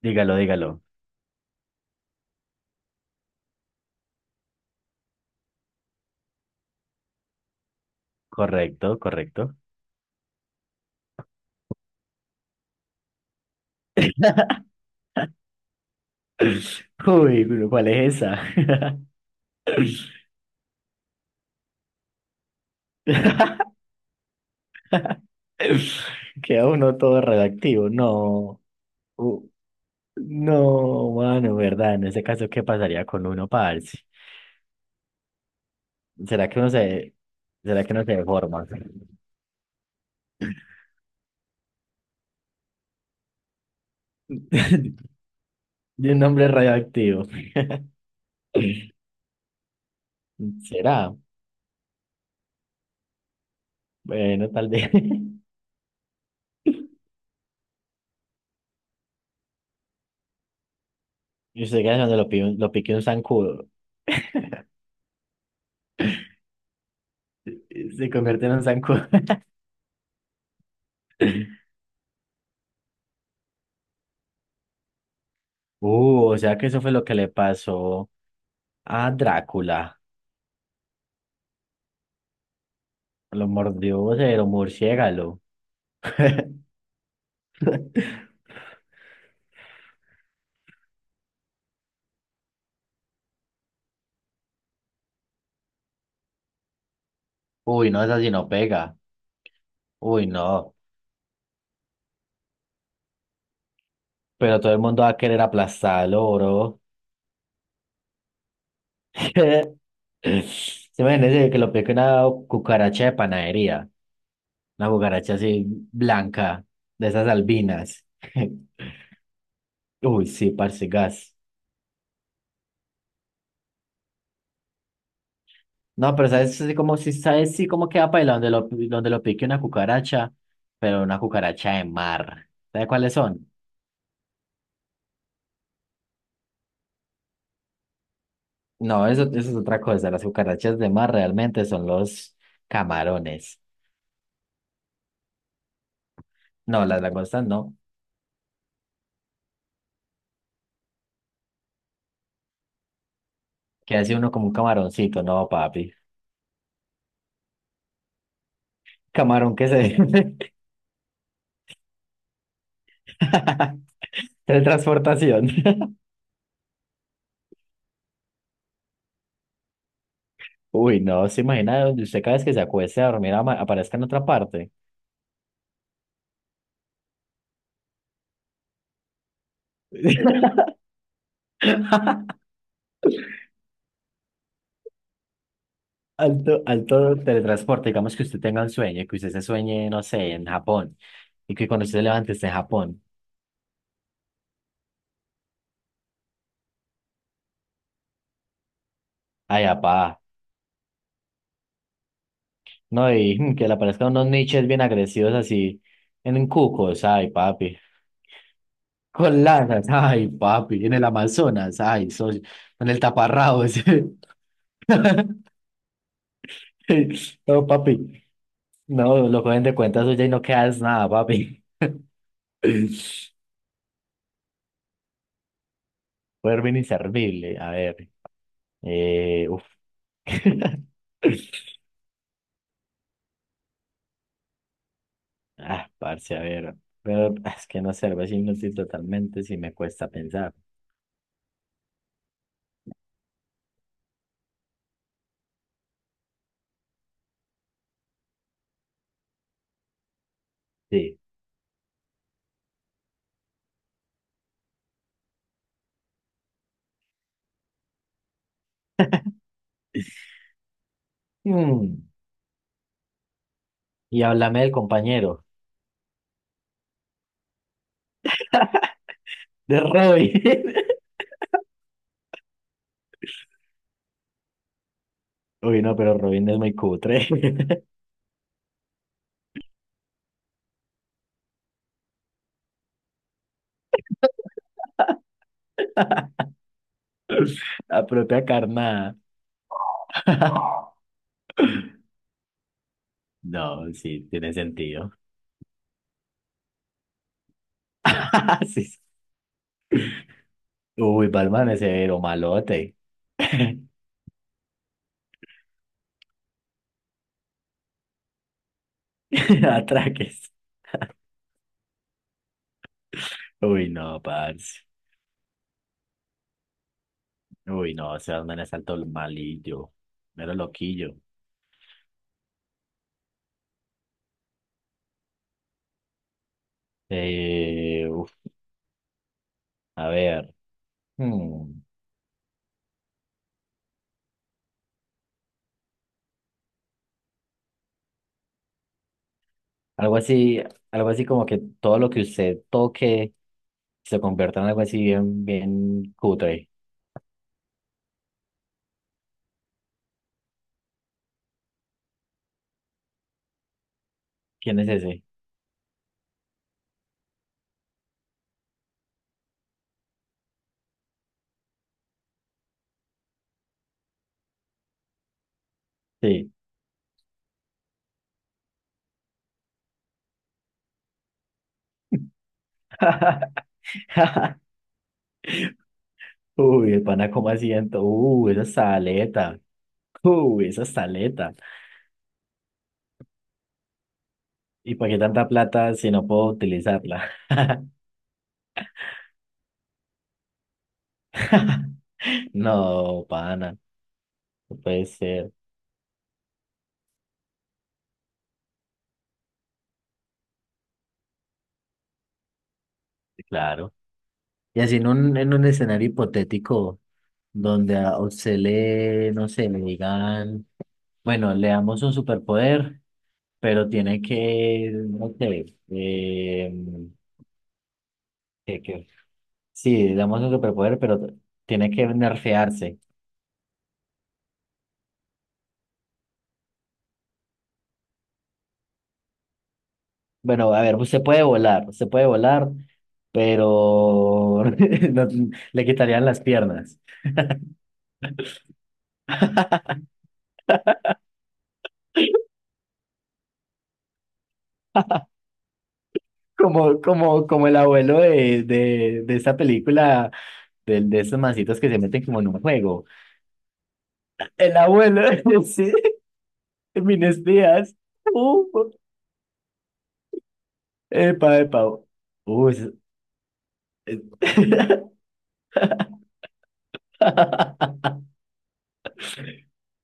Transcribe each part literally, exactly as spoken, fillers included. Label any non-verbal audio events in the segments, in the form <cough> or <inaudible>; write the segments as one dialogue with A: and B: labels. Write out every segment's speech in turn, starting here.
A: Dígalo, dígalo. Correcto, correcto. <laughs> Uy, pero ¿cuál es esa? <laughs> Queda uno todo radioactivo. No, u- no, mano, ¿verdad? En ese caso, ¿qué pasaría con uno, parce? ¿Será que uno se, ¿será que uno se deforma? <laughs> De un hombre radioactivo. <laughs> ¿Será? Bueno, tal vez. <laughs> Y usted queda cuando lo, pi- lo pique un zancudo. <laughs> Se convierte en un zancudo. <laughs> Uh, o sea que eso fue lo que le pasó a Drácula. Lo mordió cero murciélago. Uy, no, esa sí no pega. Uy, no. Pero todo el mundo va a querer aplastarlo, bro. <laughs> Se imagínese que lo pique una cucaracha de panadería. Una cucaracha así blanca, de esas albinas. <laughs> Uy, sí, parce gas. No, pero sabes así como si sabes sí cómo queda para donde lo, donde lo pique una cucaracha, pero una cucaracha de mar. ¿Sabes cuáles son? No, eso, eso es otra cosa. Las cucarachas de mar realmente son los camarones. No, las langostas no. Que hace uno como un camaroncito, no, papi. Camarón que se... <laughs> Teletransportación. Uy, no, se imagina donde usted cada vez que se acueste a dormir ama- aparezca en otra parte. <laughs> Alto, alto teletransporte, digamos que usted tenga un sueño, que usted se sueñe, no sé, en Japón, y que cuando usted se levante esté en Japón. Ay, apá. No, y <laughs> mm, que le aparezcan unos niches bien agresivos así en Cucos, ay, papi. Con lanas, ay, papi. En el Amazonas, ay, soy. En el taparrabos. <laughs> No, papi. No, lo cogen de cuenta suya y no quedas nada, papi. <laughs> Poder bien inservible. A ver. Eh, uf. <laughs> Ah, parce, a ver. Pero ah, es que no sé, algo así inútil totalmente si me cuesta pensar. Sí. Mm. Y háblame del compañero, de Robin. <laughs> Uy, no, pero Robin es muy cutre. <laughs> La propia carnada. <laughs> No, sí, tiene sentido. <laughs> Sí, sí. Uy, Batman es severo, malote. <laughs> Atraques. Uy, no, parce. Uy, no, ese Batman es alto malillo. Mero loquillo. Eh, uf, a ver. Hmm. Algo así, algo así como que todo lo que usted toque se convierta en algo así bien, bien cutre. ¿Quién es ese? Sí. <laughs> Uy, el pana como asiento. Uy, esa saleta. Uy, esa saleta. ¿Y para qué tanta plata si no puedo utilizarla? <laughs> No, pana. No puede ser. Claro. Y así en un, en un escenario hipotético donde a usted le, no sé, le digan, bueno, le damos un superpoder, pero tiene que, no sé, eh, sí, damos un superpoder, pero tiene que nerfearse. Bueno, a ver, se puede volar, se puede volar, pero <laughs> no- le quitarían las piernas. <laughs> Como, como, como el abuelo de, de, de esa película, de, de esos mancitos que se meten como en un juego. El abuelo, <laughs> sí, Mines Díaz. Uh, epa, epa. Uh, es- es- <laughs>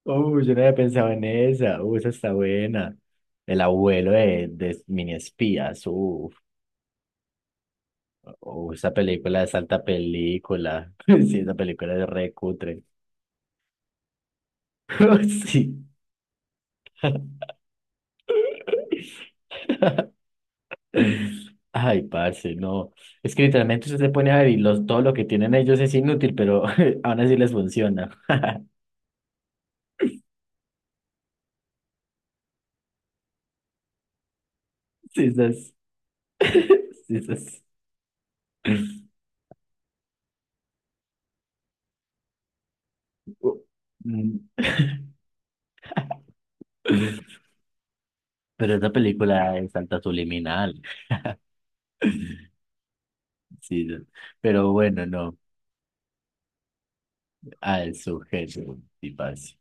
A: Uy, yo no había pensado en esa. Uy, esa está buena. El abuelo de, de Mini Espías. Uf, uf, esa película es alta película. <laughs> Sí, esa película es re cutre. <laughs> Sí. <laughs> Ay, parce, no. Es que literalmente usted se pone a ver y los, todo lo que tienen ellos es inútil, pero <laughs> aún así les funciona. <laughs> Sí, esas. <laughs> Sí, esas. Uh, Mm. Pero esa película es alta subliminal. Sí, pero bueno, no. Al sujeto, y parce.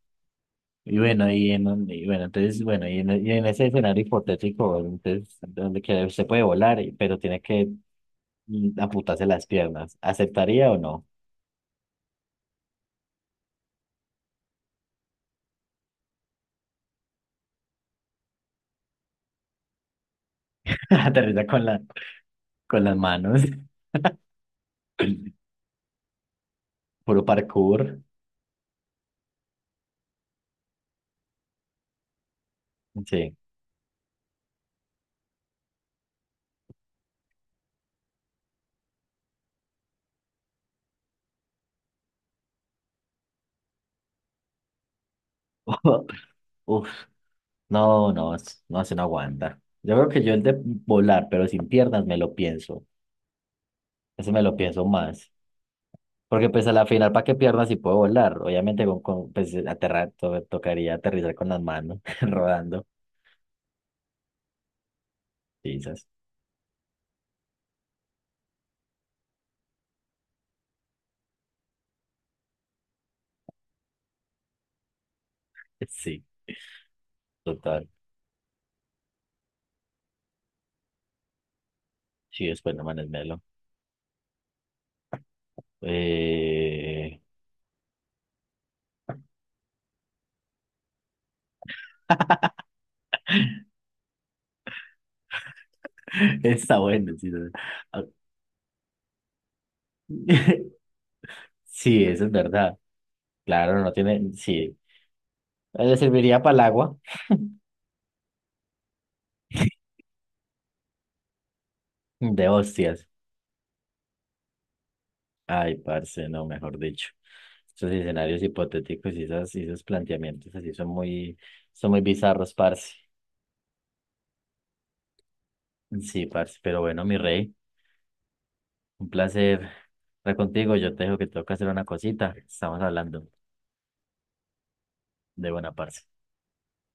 A: Y bueno, y en un- y bueno, entonces, bueno, y en, y en ese escenario hipotético, entonces, donde que se puede volar, y- pero tiene que mm, amputarse las piernas, ¿aceptaría o no? <laughs> Aterriza con la, con las manos, <laughs> puro parkour, sí. <laughs> Uf, no, no, es- no, se no aguanta. Yo creo que yo el de volar, pero sin piernas, me lo pienso, eso me lo pienso más. Porque pues a la final, ¿para qué piernas si puedo volar? Obviamente con, con pues aterrar, to- tocaría aterrizar con las manos, <laughs> rodando. Quizás sí, total. Sí, después no manesmelo. Eh... <laughs> Está bueno, sí. No. Ah, <laughs> sí, eso es verdad. Claro, no tiene, sí. Eh, le serviría para el agua de hostias. Ay, parce, no, mejor dicho. Estos escenarios hipotéticos y esas y esos planteamientos así son muy, son muy bizarros, parce. Sí, parce, pero bueno, mi rey, un placer estar contigo. Yo te dejo que tengo que hacer una cosita. Estamos hablando de buena parte.